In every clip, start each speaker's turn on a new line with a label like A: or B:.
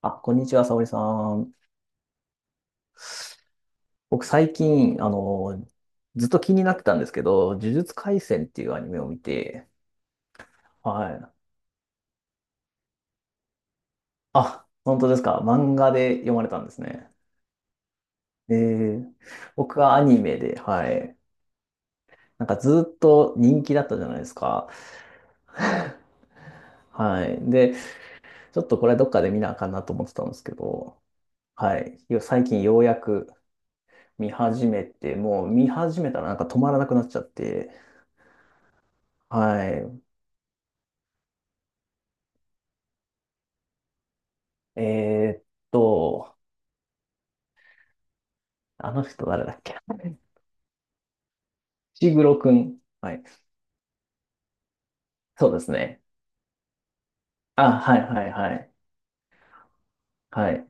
A: あ、こんにちは、沙織さん。僕最近、ずっと気になってたんですけど、呪術廻戦っていうアニメを見て、はい。あ、本当ですか。漫画で読まれたんですね。えー、僕はアニメで、はい。なんかずっと人気だったじゃないですか。はい。で、ちょっとこれどっかで見なあかんなと思ってたんですけど、はい。最近ようやく見始めて、もう見始めたらなんか止まらなくなっちゃって、はい。えーっと、あの人誰だっけ。 石黒くん。はい。そうですね。あ、はいはいはい。はい。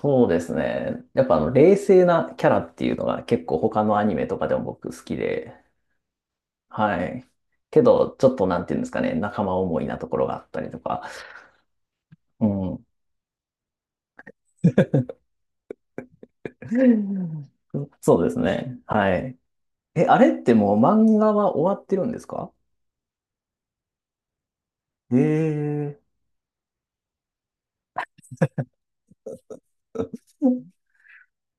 A: そうですね。やっぱ冷静なキャラっていうのが結構他のアニメとかでも僕好きで、はい。けど、ちょっとなんていうんですかね、仲間思いなところがあったりとか。うん。そうですね。はい。え、あれってもう漫画は終わってるんですか？へえ。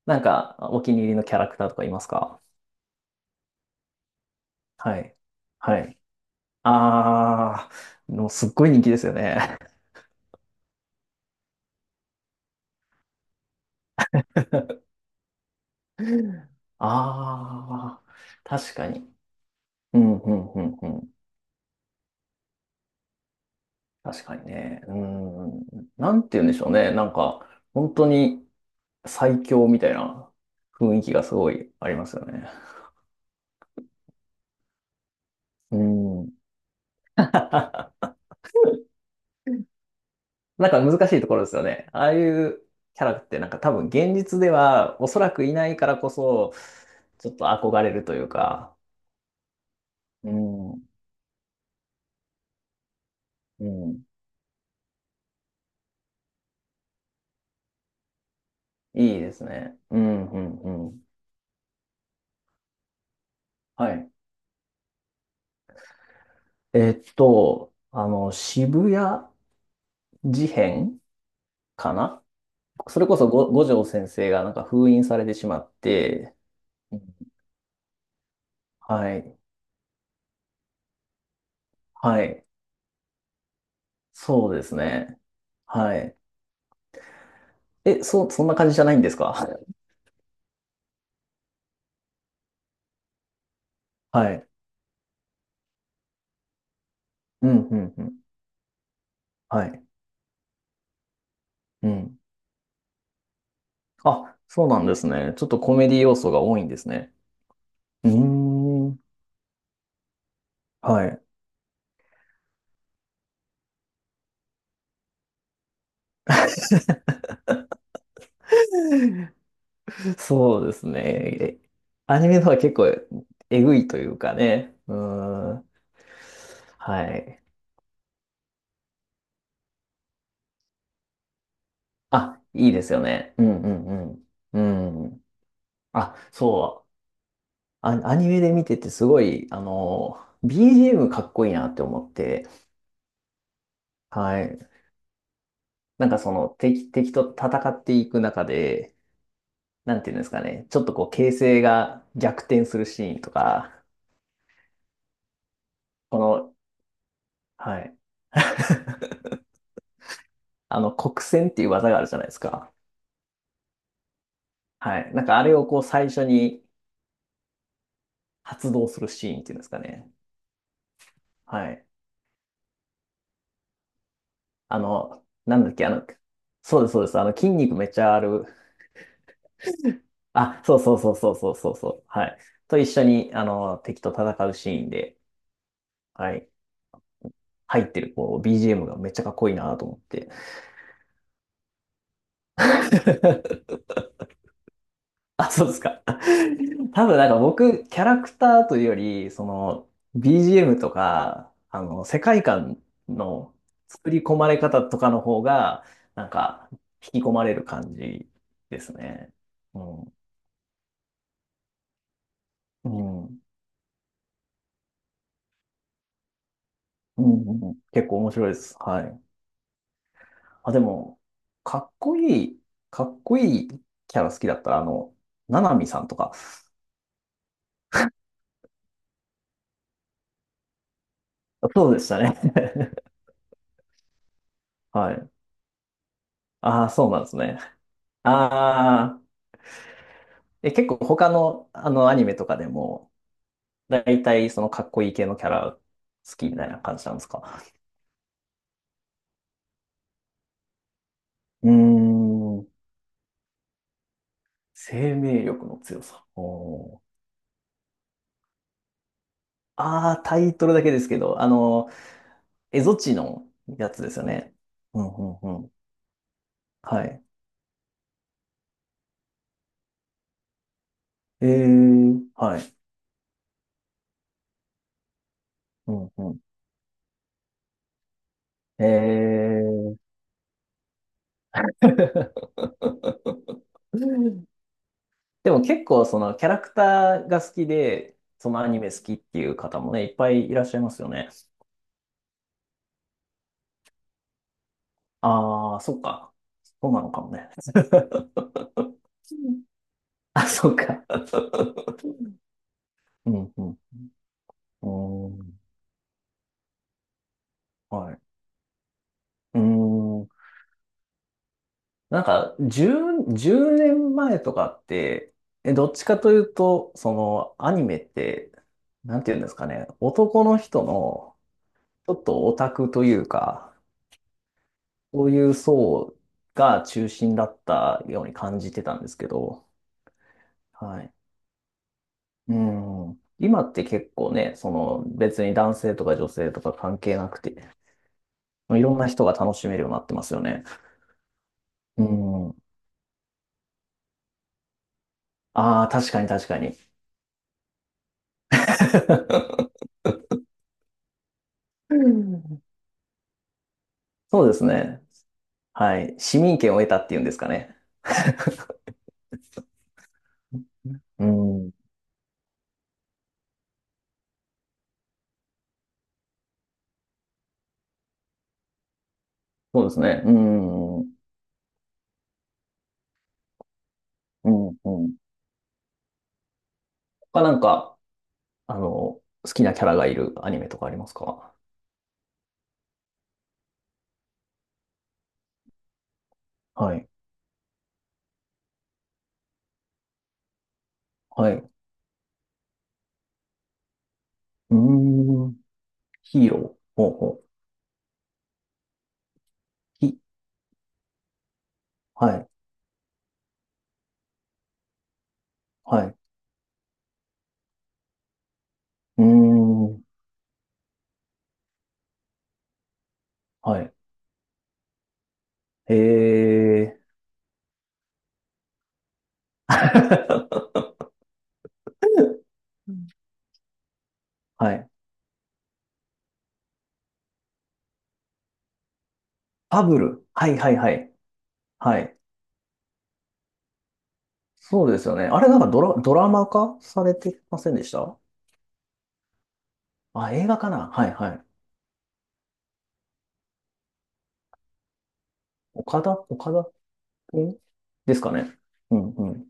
A: なんか、お気に入りのキャラクターとかいますか？はい。はい。ああ、もうすっごい人気ですよね。ああ、確かに。うん、うん、うん、うん。確かにね。うん。なんて言うんでしょうね。なんか、本当に最強みたいな雰囲気がすごいありますよね。うん。なんか難しいところですよね。ああいうキャラってなんか多分現実ではおそらくいないからこそ、ちょっと憧れるというか。うん。うん。いいですね。うん、うん、うん。はい。渋谷事変かな。それこそ五条先生がなんか封印されてしまって、うん。はい。はい。そうですね。はい。え、そんな感じじゃないんですか？はい。うん、うん、うん。はい。うん。あ、そうなんですね。ちょっとコメディ要素が多いんですね。うーん。はい。そうですね。アニメの方は結構えぐいというかね。うーん。はい。あ、いいですよね。うんうんうん。うん。あ、そう。あ、アニメで見ててすごい、BGM かっこいいなって思って。はい。なんかその敵と戦っていく中で、なんていうんですかね。ちょっとこう形勢が逆転するシーンとか、この、はい。黒閃っていう技があるじゃないですか。はい。なんかあれをこう最初に発動するシーンっていうんですかね。はい。なんだっけ、そうです、そうです。筋肉めっちゃある。あ、そうそうそうそうそうそうそう。はい。と一緒に、敵と戦うシーンで、はい。入ってる、こう、BGM がめっちゃかっこいいなと思って。あ、そうですか。多分なんか僕、キャラクターというより、その、BGM とか、世界観の作り込まれ方とかの方が、なんか、引き込まれる感じですね。うん。うん。うんうんうん、結構面白いです。はい。あ、でも、かっこいい、かっこいいキャラ好きだったら、ななみさんとか、そうでしたね。はい。ああ、そうなんですね。ああ。で、結構他の、あのアニメとかでも、だいたいそのかっこいい系のキャラ好きみたいな感じなんですか？うーん。生命力の強さ。おー。ああ、タイトルだけですけど、エゾチのやつですよね。うんうんうん。はい。はい。うんうん。えー。でも結構そのキャラクターが好きで、そのアニメ好きっていう方もね、いっぱいいらっしゃいますよね。ああ、そっか。そうなのかもね。あ、そっか。うん、うん。うーん、はい。うーん。なんか、10年前とかって、え、どっちかというと、その、アニメって、なんていうんですかね、男の人の、ちょっとオタクというか、そういう層が中心だったように感じてたんですけど、はい。うん。今って結構ね、その別に男性とか女性とか関係なくて、いろんな人が楽しめるようになってますよね。うん。ああ、確かに確かに。うん、そうですね。はい。市民権を得たっていうんですかね。うん。そうですね。うん。うん。うん。他なんか、好きなキャラがいるアニメとかありますか？はい。はい。うーん。ヒーロー。ほうほう。ひ、はい。はい。うーん。はい。ええー。はい。ファブル。はいはいはい。はい。そうですよね。あれなんかドラマ化されてませんでした？あ、映画かな、はいはい。岡田君ですかね。うんうん。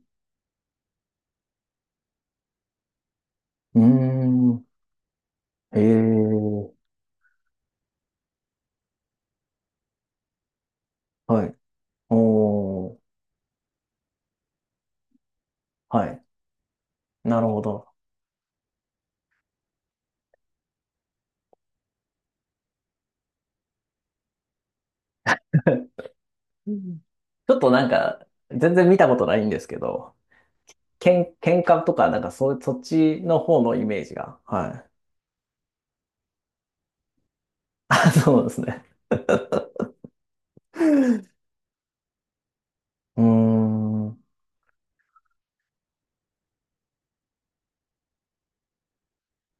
A: うーん。ええー。はい。おー。はい。なるほど。うん、ちょっとなんか、全然見たことないんですけど、喧嘩とか、なんかそっちの方のイメージが。はい。あ、そうですね。うーん、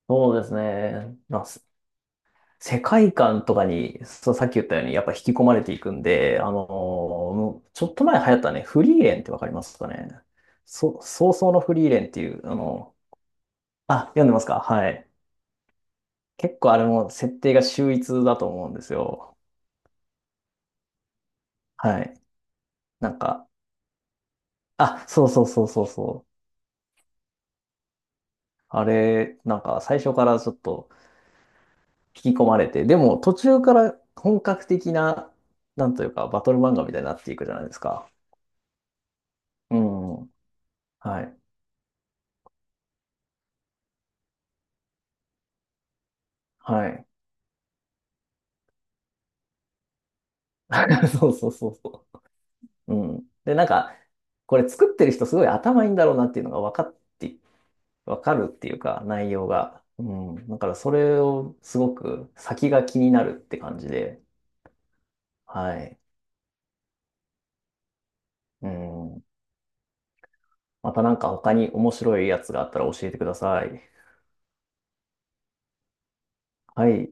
A: そうですね。まあ、世界観とかに、そう、さっき言ったように、やっぱ引き込まれていくんで、もうちょっと前流行ったね、フリーレンってわかりますかね。早々のフリーレンっていう、あ、読んでますか？はい。結構あれも設定が秀逸だと思うんですよ。はい。なんか、あ、そうそうそうそうそう。あれ、なんか最初からちょっと引き込まれて、でも途中から本格的な、なんというか、バトル漫画みたいになっていくじゃないですか。うん。はい。はい。そうそうそうそう。うん。で、なんか、これ作ってる人すごい頭いいんだろうなっていうのが分かって、分かるっていうか、内容が。うん。だからそれをすごく先が気になるって感じで。はい。うん。またなんか他に面白いやつがあったら教えてください。はい。